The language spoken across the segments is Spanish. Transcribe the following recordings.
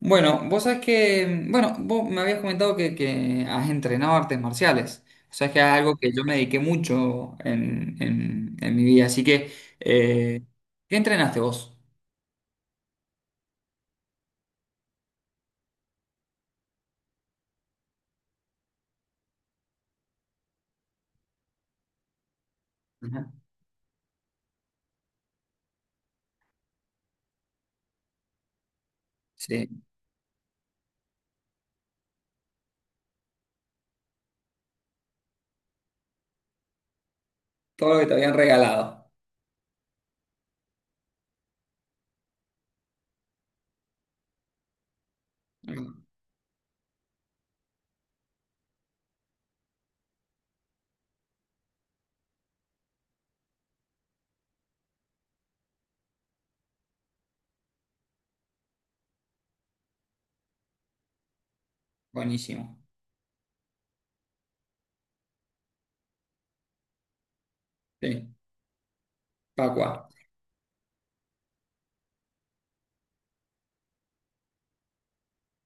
Bueno, vos sabés que, bueno, vos me habías comentado que has entrenado artes marciales. O sea, es que es algo que yo me dediqué mucho en mi vida. Así que, eh, ¿qué entrenaste vos? Ajá. Sí, todo lo que te habían regalado. Mm. Buenísimo. Sí, Pacua.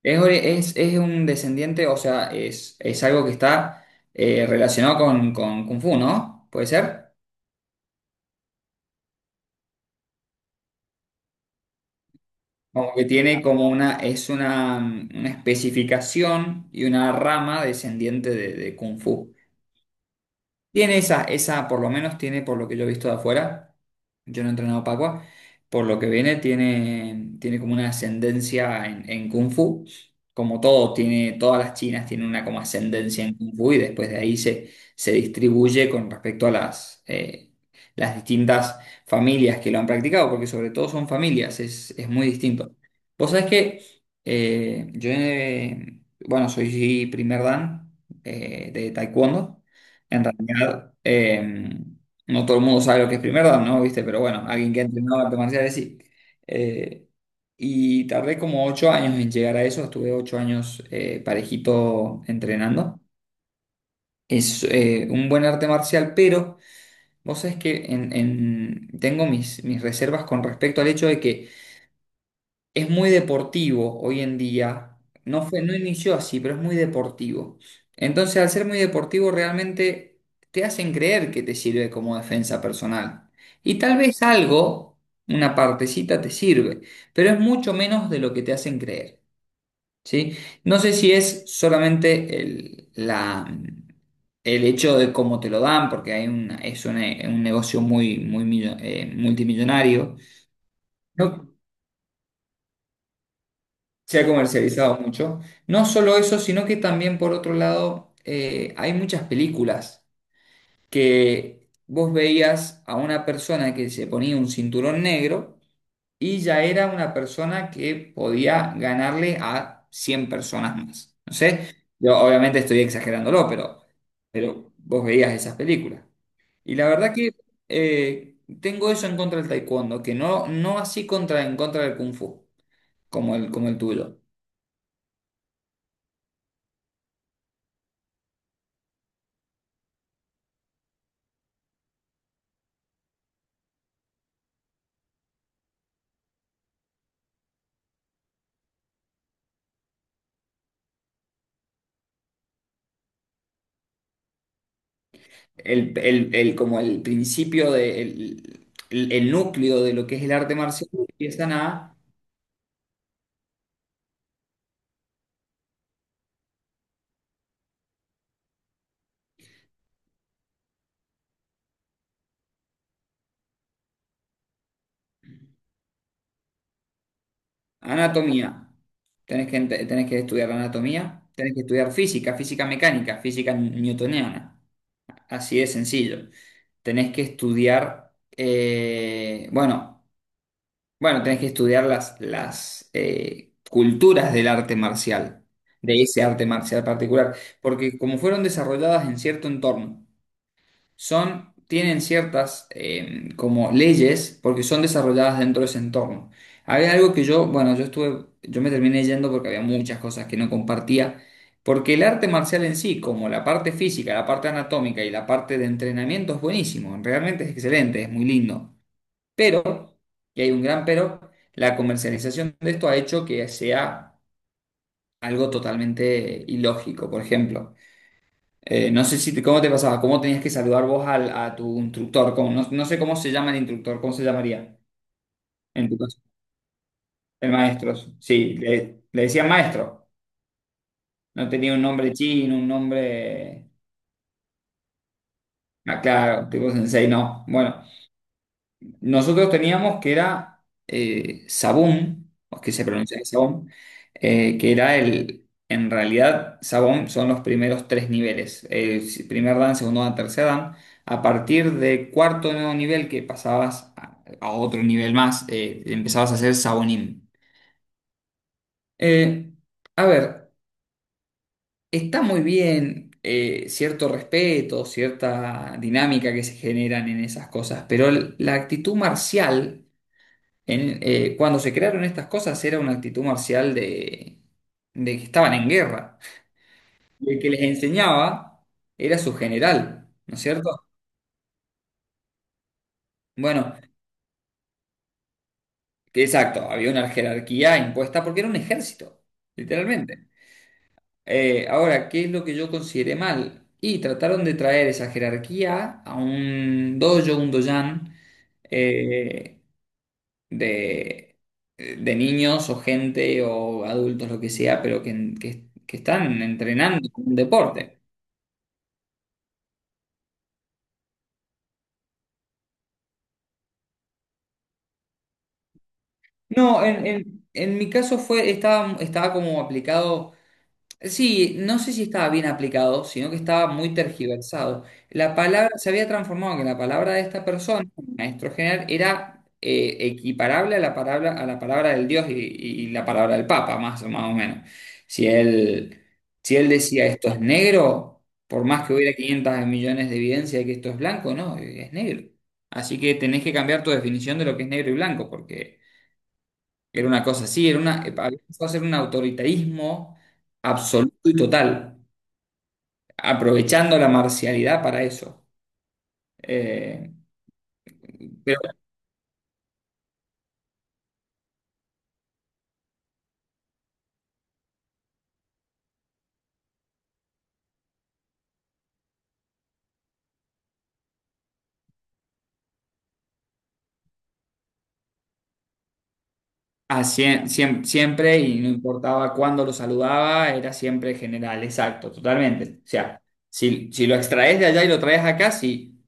Es un descendiente, o sea, es algo que está relacionado con Kung Fu, ¿no? ¿Puede ser? Como que tiene como una, es una, una especificación y una rama descendiente de Kung Fu. Tiene esa, esa, por lo menos tiene, por lo que yo he visto de afuera, yo no he entrenado Pacua, por lo que viene, tiene, tiene como una ascendencia en Kung Fu, como todo, tiene, todas las chinas tienen una como ascendencia en Kung Fu y después de ahí se, se distribuye con respecto a las distintas familias que lo han practicado, porque sobre todo son familias, es muy distinto. Vos sabés que eh, yo, eh, bueno, soy primer dan de Taekwondo. En realidad, no todo el mundo sabe lo que es primer dan, ¿no? ¿Viste? Pero bueno, alguien que ha entrenado artes marciales sí. Eh, y tardé como 8 años en llegar a eso. Estuve 8 años parejito entrenando. Es un buen arte marcial, pero vos sabés que tengo mis, mis reservas con respecto al hecho de que es muy deportivo hoy en día. No fue, no inició así, pero es muy deportivo. Entonces, al ser muy deportivo, realmente te hacen creer que te sirve como defensa personal. Y tal vez algo, una partecita, te sirve, pero es mucho menos de lo que te hacen creer, ¿sí? No sé si es solamente el hecho de cómo te lo dan, porque hay una, un negocio muy, muy multimillonario. No, se ha comercializado mucho. No solo eso, sino que también por otro lado hay muchas películas que vos veías a una persona que se ponía un cinturón negro y ya era una persona que podía ganarle a 100 personas más. No sé, yo obviamente estoy exagerándolo, pero vos veías esas películas. Y la verdad que tengo eso en contra del taekwondo, que no, no así contra, en contra del kung fu, como el tuyo. Como el principio de, el núcleo de lo que es el arte marcial, empiezan a anatomía. Tenés que, tenés que estudiar anatomía, tenés que estudiar física, física mecánica, física newtoniana. Así de sencillo. Tenés que estudiar, bueno, tenés que estudiar las, las culturas del arte marcial, de ese arte marcial particular, porque como fueron desarrolladas en cierto entorno. Son, tienen ciertas como leyes porque son desarrolladas dentro de ese entorno. Había algo que yo, bueno, yo estuve, yo me terminé yendo porque había muchas cosas que no compartía, porque el arte marcial en sí, como la parte física, la parte anatómica y la parte de entrenamiento es buenísimo, realmente es excelente, es muy lindo, pero, y hay un gran pero, la comercialización de esto ha hecho que sea algo totalmente ilógico, por ejemplo. No sé si te- cómo te pasaba, cómo tenías que saludar vos al, a tu instructor, no, no sé cómo se llama el instructor, cómo se llamaría en tu caso, el maestro. Sí, le decían maestro, no tenía un nombre chino, un nombre, ah, claro, tipo sensei, no. Bueno, nosotros teníamos que era Sabún, o que se pronuncia Sabón, que era el. En realidad, Sabón son los primeros 3 niveles: primer dan, segundo dan, tercer dan. A partir de cuarto nuevo nivel, que pasabas a otro nivel más, empezabas a hacer Sabonim. Eh, a ver, está muy bien cierto respeto, cierta dinámica que se generan en esas cosas, pero la actitud marcial. Cuando se crearon estas cosas era una actitud marcial de que estaban en guerra. Y el que les enseñaba era su general, ¿no es cierto? Bueno, que exacto, había una jerarquía impuesta porque era un ejército, literalmente. Ahora, ¿qué es lo que yo consideré mal? Y trataron de traer esa jerarquía a un dojo, un doyan, eh, de, de niños o gente o adultos, lo que sea, pero que, que están entrenando un deporte. No, en mi caso fue, estaba, estaba como aplicado. Sí, no sé si estaba bien aplicado, sino que estaba muy tergiversado. La palabra se había transformado en que la palabra de esta persona, maestro general, era equiparable a la palabra del Dios y la palabra del Papa, más, más o menos. Si él, si él decía esto es negro, por más que hubiera 500 millones de evidencia de que esto es blanco, no, es negro. Así que tenés que cambiar tu definición de lo que es negro y blanco, porque era una cosa así, era una, había empezado a ser un autoritarismo absoluto y total, aprovechando la marcialidad para eso. Eh, pero siempre, y no importaba cuándo lo saludaba, era siempre general, exacto, totalmente. O sea, si, si lo extraes de allá y lo traes acá, sí,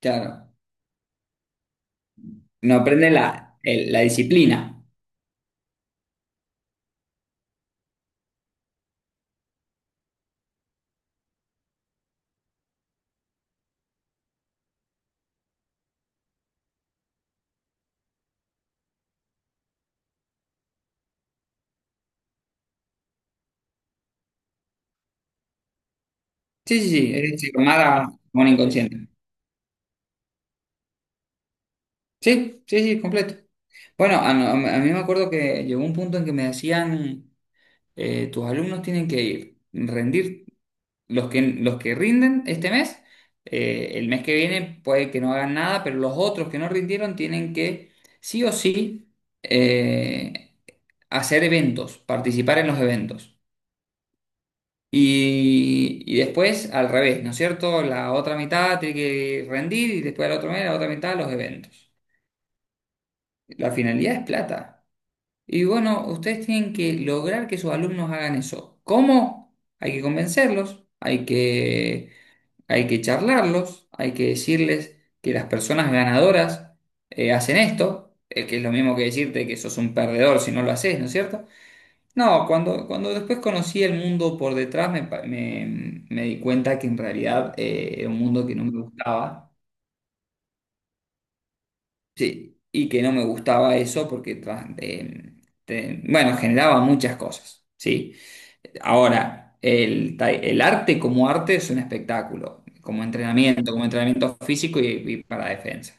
claro, no aprende la disciplina. Sí, sí, sí, es decir, tomar a un inconsciente. Sí, sí, sí, completo. Bueno, a mí me acuerdo que llegó un punto en que me decían. Tus alumnos tienen que ir, rendir, los que rinden este mes, el mes que viene puede que no hagan nada, pero los otros que no rindieron tienen que sí o sí eh, hacer eventos, participar en los eventos. Y después al revés, ¿no es cierto? La otra mitad tiene que rendir y después la otra mitad los eventos. La finalidad es plata. Y bueno, ustedes tienen que lograr que sus alumnos hagan eso. ¿Cómo? Hay que convencerlos, hay que charlarlos, hay que decirles que las personas ganadoras hacen esto, que es lo mismo que decirte que sos un perdedor si no lo haces, ¿no es cierto? No, cuando después conocí el mundo por detrás me di cuenta que en realidad era un mundo que no me gustaba. Sí, y que no me gustaba eso porque bueno, generaba muchas cosas, ¿sí? Ahora, el arte como arte es un espectáculo, como entrenamiento físico y para defensa.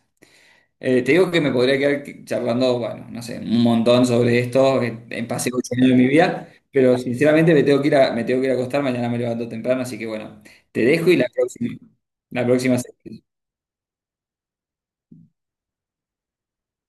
Te digo que me podría quedar charlando, bueno, no sé, un montón sobre esto, en pasé muchos años de mi vida, pero sinceramente me tengo que ir a, me tengo que ir a acostar, mañana me levanto temprano, así que bueno, te dejo y la próxima, la próxima.